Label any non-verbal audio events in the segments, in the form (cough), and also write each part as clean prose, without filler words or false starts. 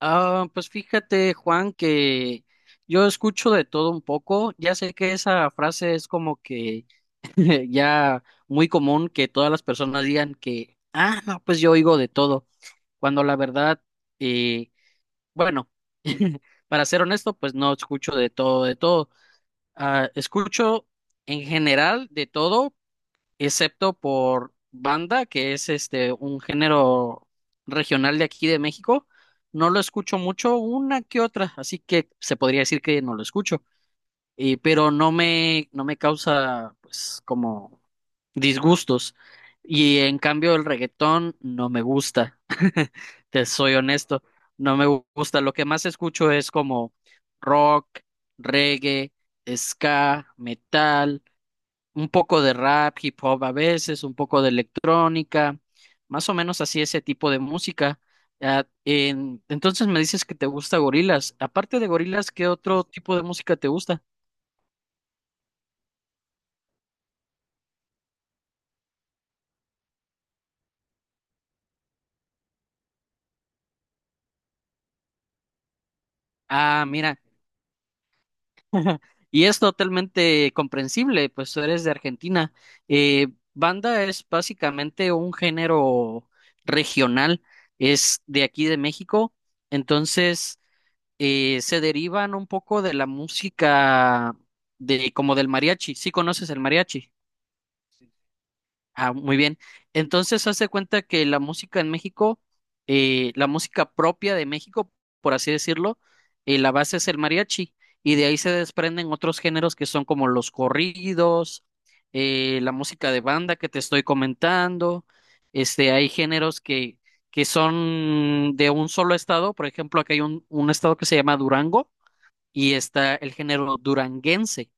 Ah, pues fíjate, Juan, que yo escucho de todo un poco. Ya sé que esa frase es como que (laughs) ya muy común que todas las personas digan que, ah, no, pues yo oigo de todo, cuando la verdad, eh, bueno, (laughs) para ser honesto, pues no escucho de todo, de todo. Ah, escucho en general de todo, excepto por banda, que es este un género regional de aquí de México. No lo escucho mucho, una que otra, así que se podría decir que no lo escucho, pero no me causa pues como disgustos. Y en cambio el reggaetón no me gusta, (laughs) te soy honesto, no me gu- gusta. Lo que más escucho es como rock, reggae, ska, metal un poco de rap, hip hop a veces, un poco de electrónica, más o menos así ese tipo de música. Ah, entonces me dices que te gusta Gorilas. Aparte de Gorilas, ¿qué otro tipo de música te gusta? Ah, mira, y es totalmente comprensible, pues tú eres de Argentina. Eh, Banda es básicamente un género regional, es de aquí de México, entonces se derivan un poco de la música de como del mariachi. ¿Sí conoces el mariachi? Sí. Ah, muy bien. Entonces, hace cuenta que la música en México, la música propia de México, por así decirlo, la base es el mariachi y de ahí se desprenden otros géneros que son como los corridos, la música de banda que te estoy comentando. Este, hay géneros que son de un solo estado. Por ejemplo, acá hay un estado que se llama Durango y está el género duranguense.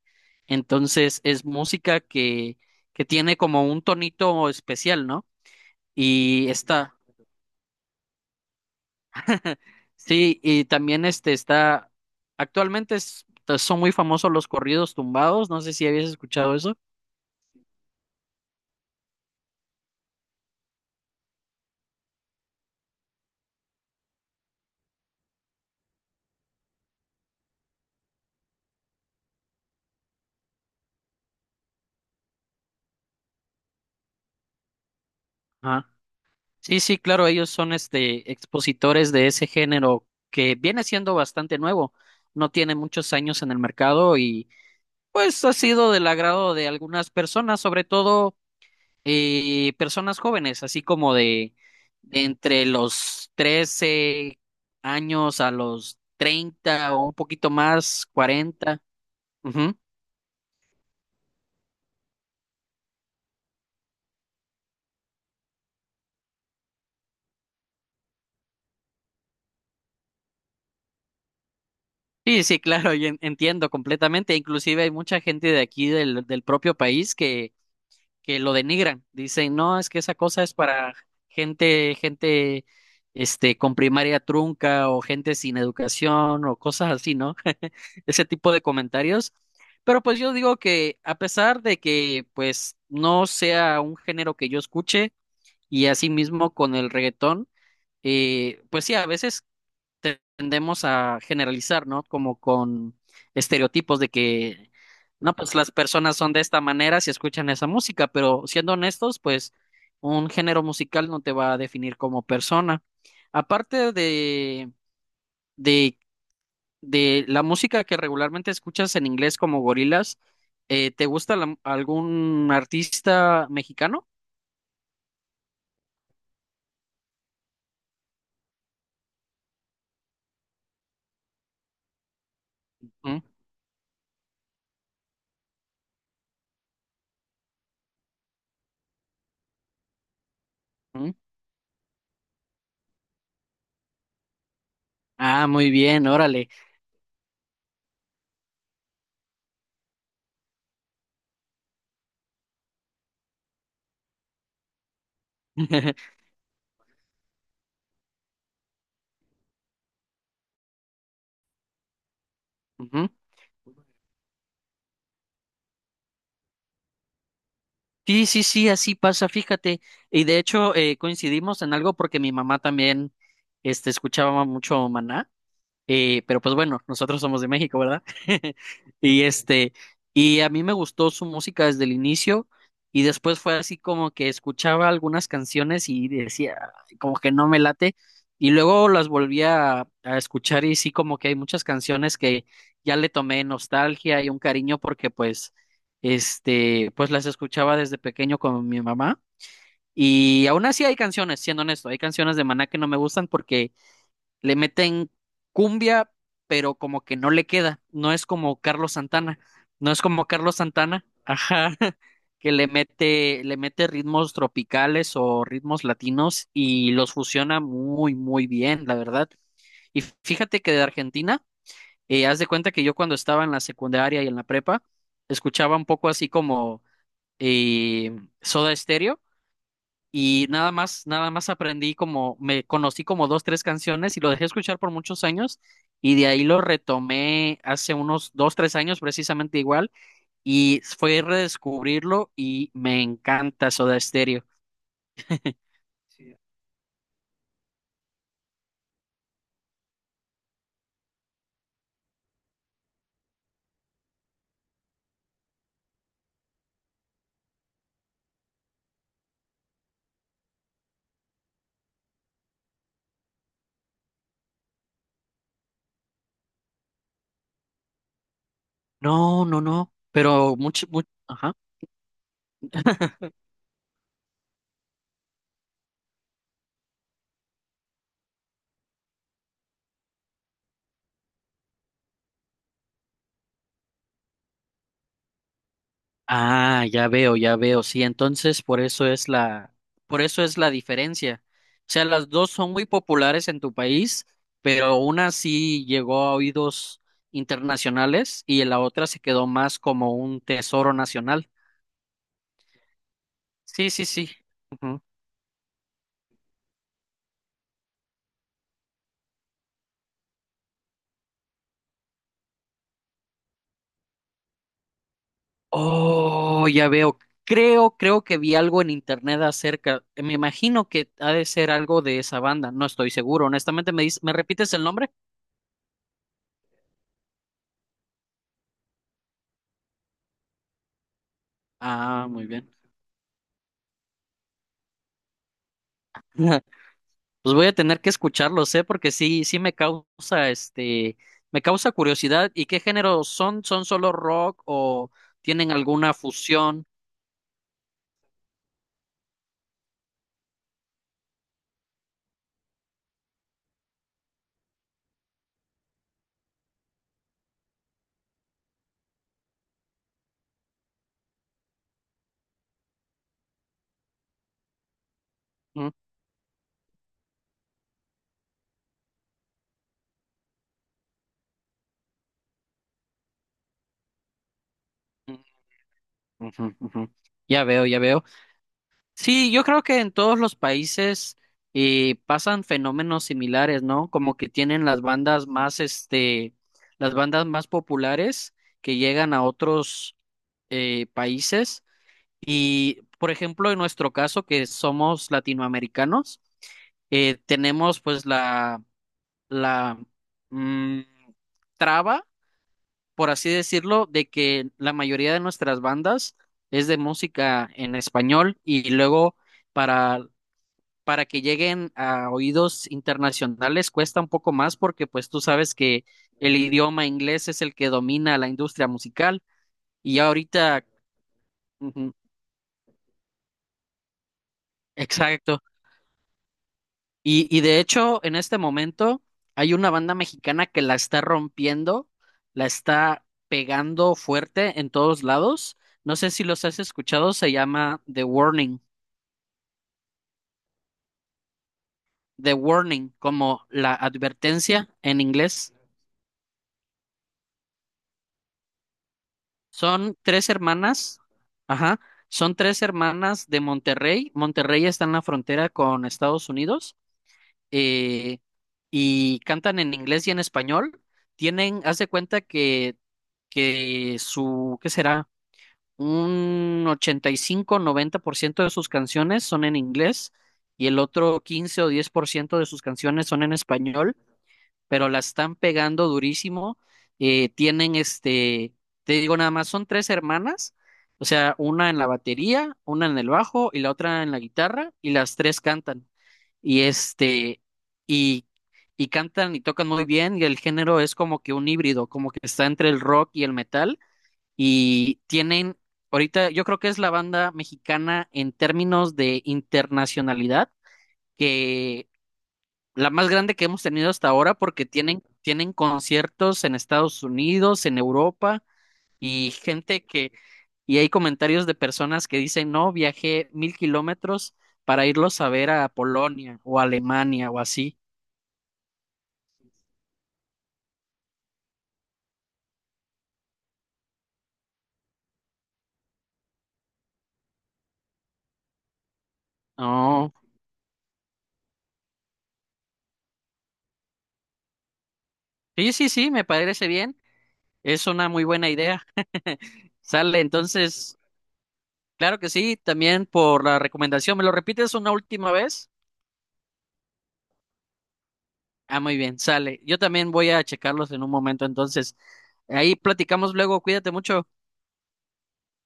Entonces es música que tiene como un tonito especial, ¿no? Y está, (laughs) sí, y también este está, actualmente pues, son muy famosos los corridos tumbados, no sé si habías escuchado eso. Ajá. Sí, sí, claro, ellos son este expositores de ese género que viene siendo bastante nuevo, no tiene muchos años en el mercado y pues ha sido del agrado de algunas personas, sobre todo personas jóvenes, así como de entre los 13 años a los 30 o un poquito más, 40. Ujú. Sí, sí, claro, yo entiendo completamente. Inclusive hay mucha gente de aquí del propio país que lo denigran. Dicen, no, es que esa cosa es para gente, gente, este, con primaria trunca o gente sin educación o cosas así, ¿no? (laughs) Ese tipo de comentarios. Pero pues yo digo que a pesar de que pues no sea un género que yo escuche y asimismo con el reggaetón, pues sí, a veces tendemos a generalizar, ¿no? Como con estereotipos de que, no, pues las personas son de esta manera si escuchan esa música, pero siendo honestos, pues un género musical no te va a definir como persona. Aparte de, de la música que regularmente escuchas en inglés como gorilas, ¿te gusta algún artista mexicano? Mm, mm. Ah, muy bien, órale. (laughs) Ujú. Sí, sí, sí, así pasa, fíjate. Y de hecho coincidimos en algo porque mi mamá también este, escuchaba mucho Maná. Pero pues bueno, nosotros somos de México, ¿verdad? (laughs) Y este, y a mí me gustó su música desde el inicio y después fue así como que escuchaba algunas canciones y decía, "Ay, como que no me late y luego las volví a escuchar y sí como que hay muchas canciones que ya le tomé nostalgia y un cariño porque pues, este, pues las escuchaba desde pequeño con mi mamá y aún así hay canciones, siendo honesto, hay canciones de Maná que no me gustan porque le meten cumbia, pero como que no le queda, no es como Carlos Santana, no es como Carlos Santana, ajá, (laughs) que le mete ritmos tropicales o ritmos latinos y los fusiona muy, muy bien, la verdad. Y fíjate que de Argentina, haz de cuenta que yo cuando estaba en la secundaria y en la prepa, escuchaba un poco así como eh, Soda Stereo y nada más, nada más aprendí como, me conocí como dos, tres canciones y lo dejé escuchar por muchos años y de ahí lo retomé hace unos dos, tres años precisamente igual y fue redescubrirlo y me encanta Soda Stereo. (laughs) No, no, no, pero mucho, mucho. Ah, ya veo, ya veo. Sí, entonces por eso es la, por eso es la diferencia. O sea, las dos son muy populares en tu país, pero una sí llegó a oídos internacionales y la otra se quedó más como un tesoro nacional. Sí, sí, sí. Ujú. Oh, ya veo. Creo que vi algo en internet acerca. Me imagino que ha de ser algo de esa banda. No estoy seguro. Honestamente, ¿me me repites el nombre? Ah, muy bien. Pues voy a tener que escucharlos, ¿eh? Porque sí, sí me causa curiosidad. ¿Y qué género son? ¿Son solo rock o tienen alguna fusión? Mm, mm, ujú, ujú. Ya veo, ya veo. Sí, yo creo que en todos los países pasan fenómenos similares, ¿no? Como que tienen las bandas más, este, las bandas más populares que llegan a otros países. Y, por ejemplo, en nuestro caso, que somos latinoamericanos, tenemos pues la mm, traba, por así decirlo, de que la mayoría de nuestras bandas es de música en español y luego para, para que lleguen a oídos internacionales cuesta un poco más porque pues tú sabes que el idioma inglés es el que domina la industria musical y ya ahorita, ujú, exacto. Y de hecho, en este momento hay una banda mexicana que la está rompiendo, la está pegando fuerte en todos lados. No sé si los has escuchado, se llama The Warning. The Warning, como la advertencia en inglés. Son tres hermanas, ajá, son tres hermanas de Monterrey. Monterrey está en la frontera con Estados Unidos eh, y cantan en inglés y en español. Tienen, haz de cuenta que su, ¿qué será? Un 85-90% de sus canciones son en inglés y el otro 15 o 10% de sus canciones son en español, pero la están pegando durísimo. Tienen este, te digo nada más, son tres hermanas, o sea, una en la batería, una en el bajo y la otra en la guitarra y las tres cantan. Y este, y y cantan y tocan muy bien y el género es como que un híbrido, como que está entre el rock y el metal y tienen, ahorita yo creo que es la banda mexicana en términos de internacionalidad, que la más grande que hemos tenido hasta ahora porque tienen conciertos en Estados Unidos, en Europa y gente que, y hay comentarios de personas que dicen, no, viajé 1,000 kilómetros para irlos a ver a Polonia o Alemania o así. No, sí, sí, sí, me parece bien. Es una muy buena idea. (laughs) Sale, entonces claro que sí, también por la recomendación. ¿Me lo repites una última vez? Ah, muy bien, sale. Yo también voy a checarlos en un momento, entonces. Ahí platicamos luego, cuídate mucho.